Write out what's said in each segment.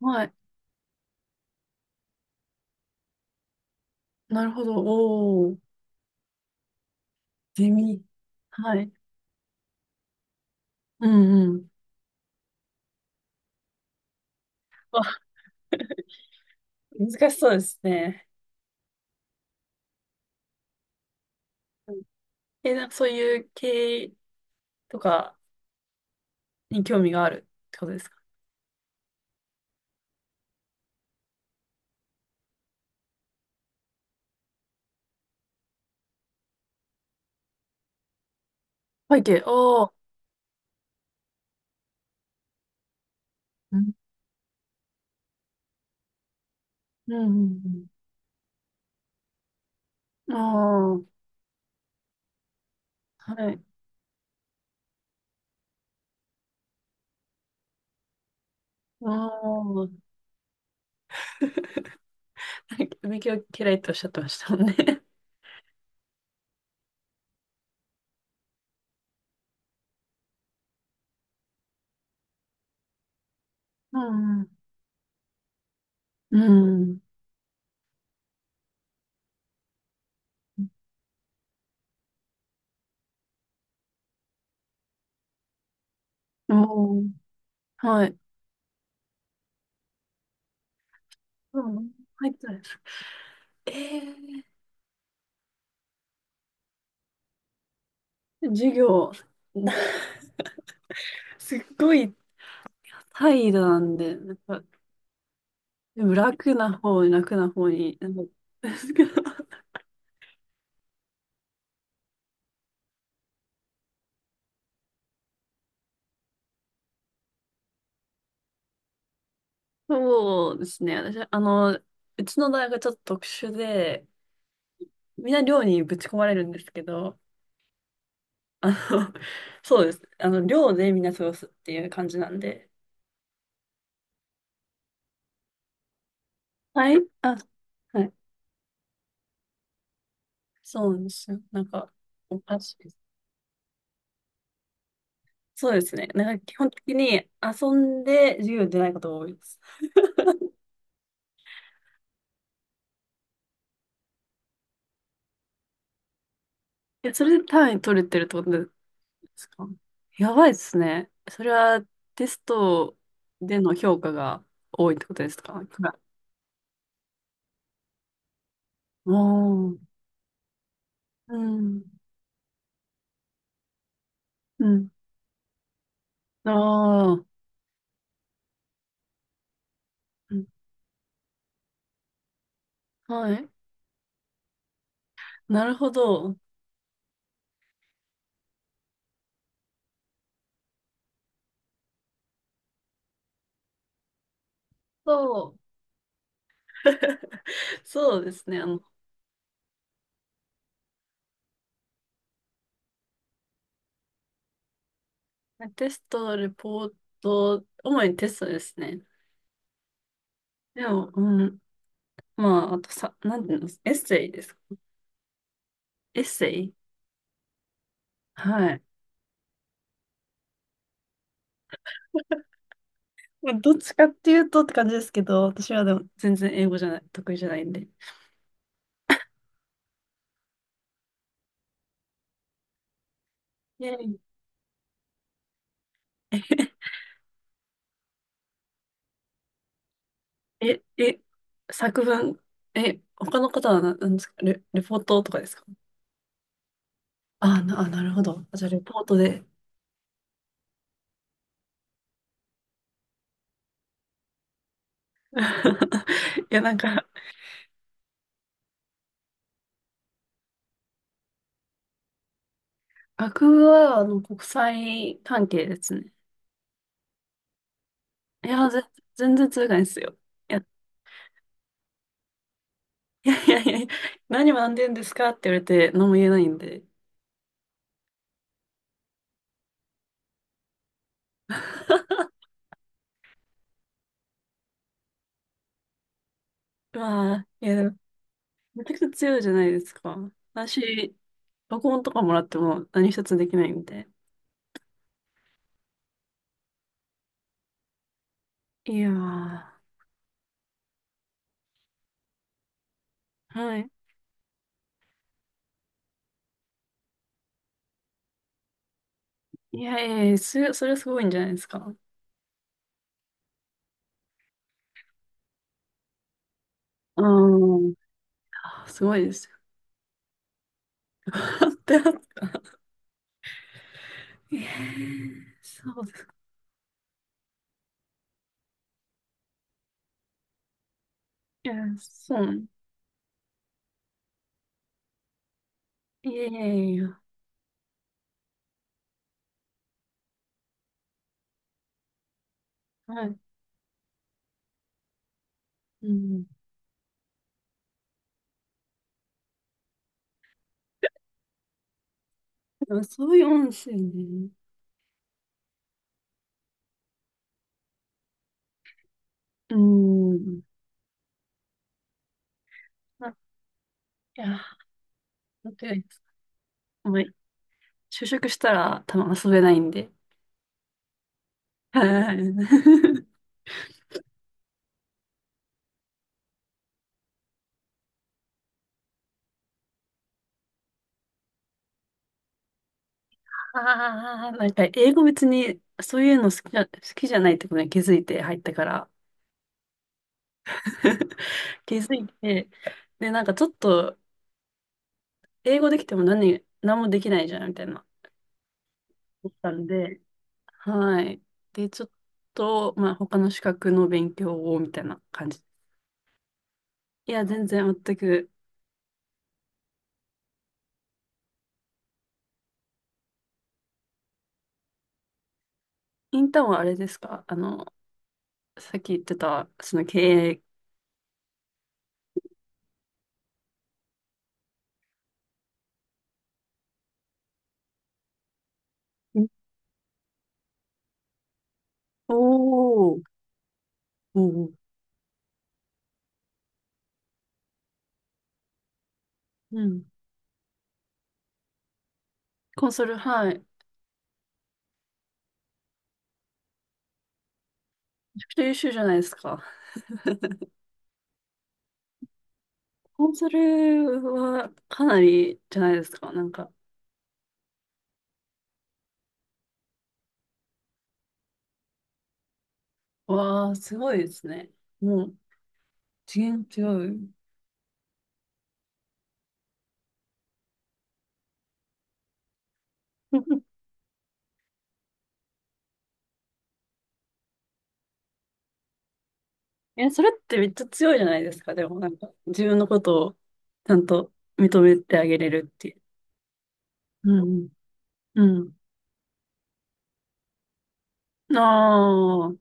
はい。なるほど。おー、ゼミ。はい。うんうん。わ 難しそうですね。うん。え、なんかそういう経営とかに興味があるってことですか？背景、おー。うんうんうん。ああー、はい。ああ。勉強嫌いっておっしゃってましたもんね。うんうん。うん。おー、はい。うん。入ってない。えー、授業、すっごい怠惰なんで、でも楽な方に楽な方に。なんか。 そうですね。私、あの、うちの大学はちょっと特殊で、みんな寮にぶち込まれるんですけど、あの、そうです。あの、寮でみんな過ごすっていう感じなんで。はい。あ、はい。そうなんですよ。なんか、おかしいです。そうですね。なんか基本的に遊んで授業出ないことが多いです。いや、それで単位取れてるってことですか？やばいですね。それはテストでの評価が多いってことですか？おー。うん。うん。ああ。うん。はい。なるほど。そう。そうですね。あの、テスト、レポート、主にテストですね。でも、うん。まあ、あとさ、なんていうの、エッセイですか。エッセイ、はい。まあどっちかっていうとって感じですけど、私はでも全然英語じゃない、得意じゃないんで。イェイ。 え、え、作文、え、他の方はな、なんですか？レ、レポートとかですか？あ、な、あ、なるほど。あ、じゃあ、レポートで。いや、なんか、学部は、あの、国際関係ですね。いや、ぜ、全然通外ですよ。いや、いやいやいや、何学んでんですかって言われて、何も言えないんで。まあ、いや、でもめちゃくちゃ強いじゃないですか。私、録音とかもらっても何一つできないんで。いやー、はい。いやいやいや、す、それ、はすごいんじゃないですか。うん。あ、すごいですよ。笑ってますか？えー、そうですか。いや、そうなん。いやいやいや。はい。うん。でもそういう音声ね。うん。あ、いや、本当に、もう、就職したら多分遊べないんで。はい。ああ、なんか英語別にそういうの好きじゃ、好きじゃないってことに気づいて入ったから。気づいて、で、なんかちょっと、英語できても何、何もできないじゃんみたいな。思ったんで、はい。で、ちょっと、まあ、他の資格の勉強をみたいな感じ。いや、全然全く。インターンはあれですか、あの、さっき言ってた、その経営。ん、おー、おー、うん。コンソル、はい。めちゃくちゃ優秀じゃないですか。コンソルはかなりじゃないですか。なんか、わー、すごいですね。もう、次元違う。え、それってめっちゃ強いじゃないですか。でもなんか、自分のことをちゃんと認めてあげれるっていう。うんうん。ああ。う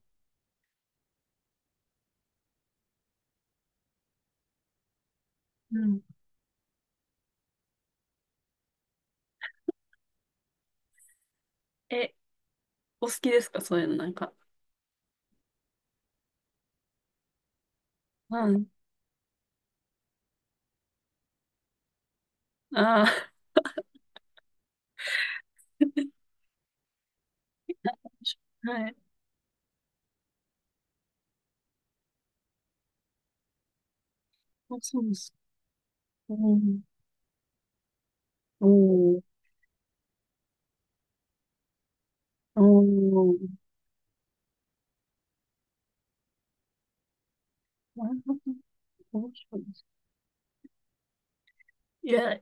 ん。え、お好きですかそういうのなんか。うん。ああ。はい。あ、そうです。うん。おー。おー。なるほど。面白いです。いや、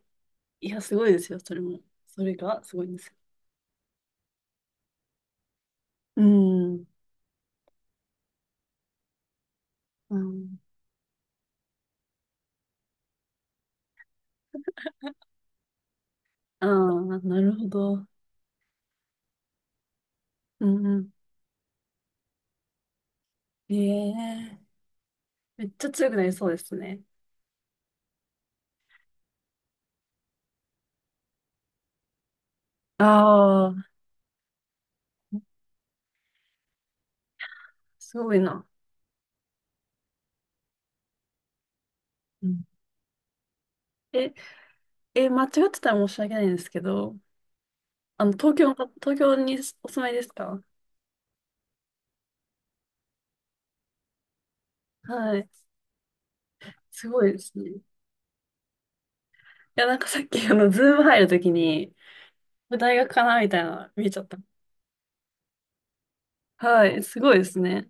いや、すごいですよ、それも。それがすごいんですよ。うん。うん。ああ、なるほど。うんうん。ええ、めっちゃ強くなりそうですね。ああ、すごいな。うん。え、え、間違ってたら申し訳ないんですけど、あの、東京の、東京にお住まいですか？はい。すごいですね。いや、なんかさっき、あの、ズーム入るときに、これ大学かなみたいなの見えちゃった。はい、すごいですね。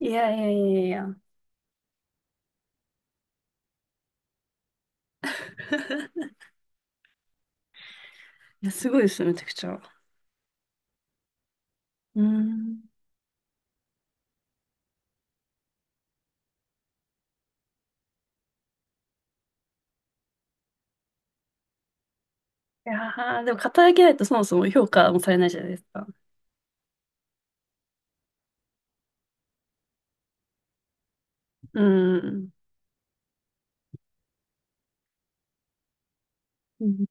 いやいやいやいや。いや、すごいですよ、めちゃくちゃ。うん。いやー、でも、肩書きないとそもそも評価もされないじゃないですか。うーん。うん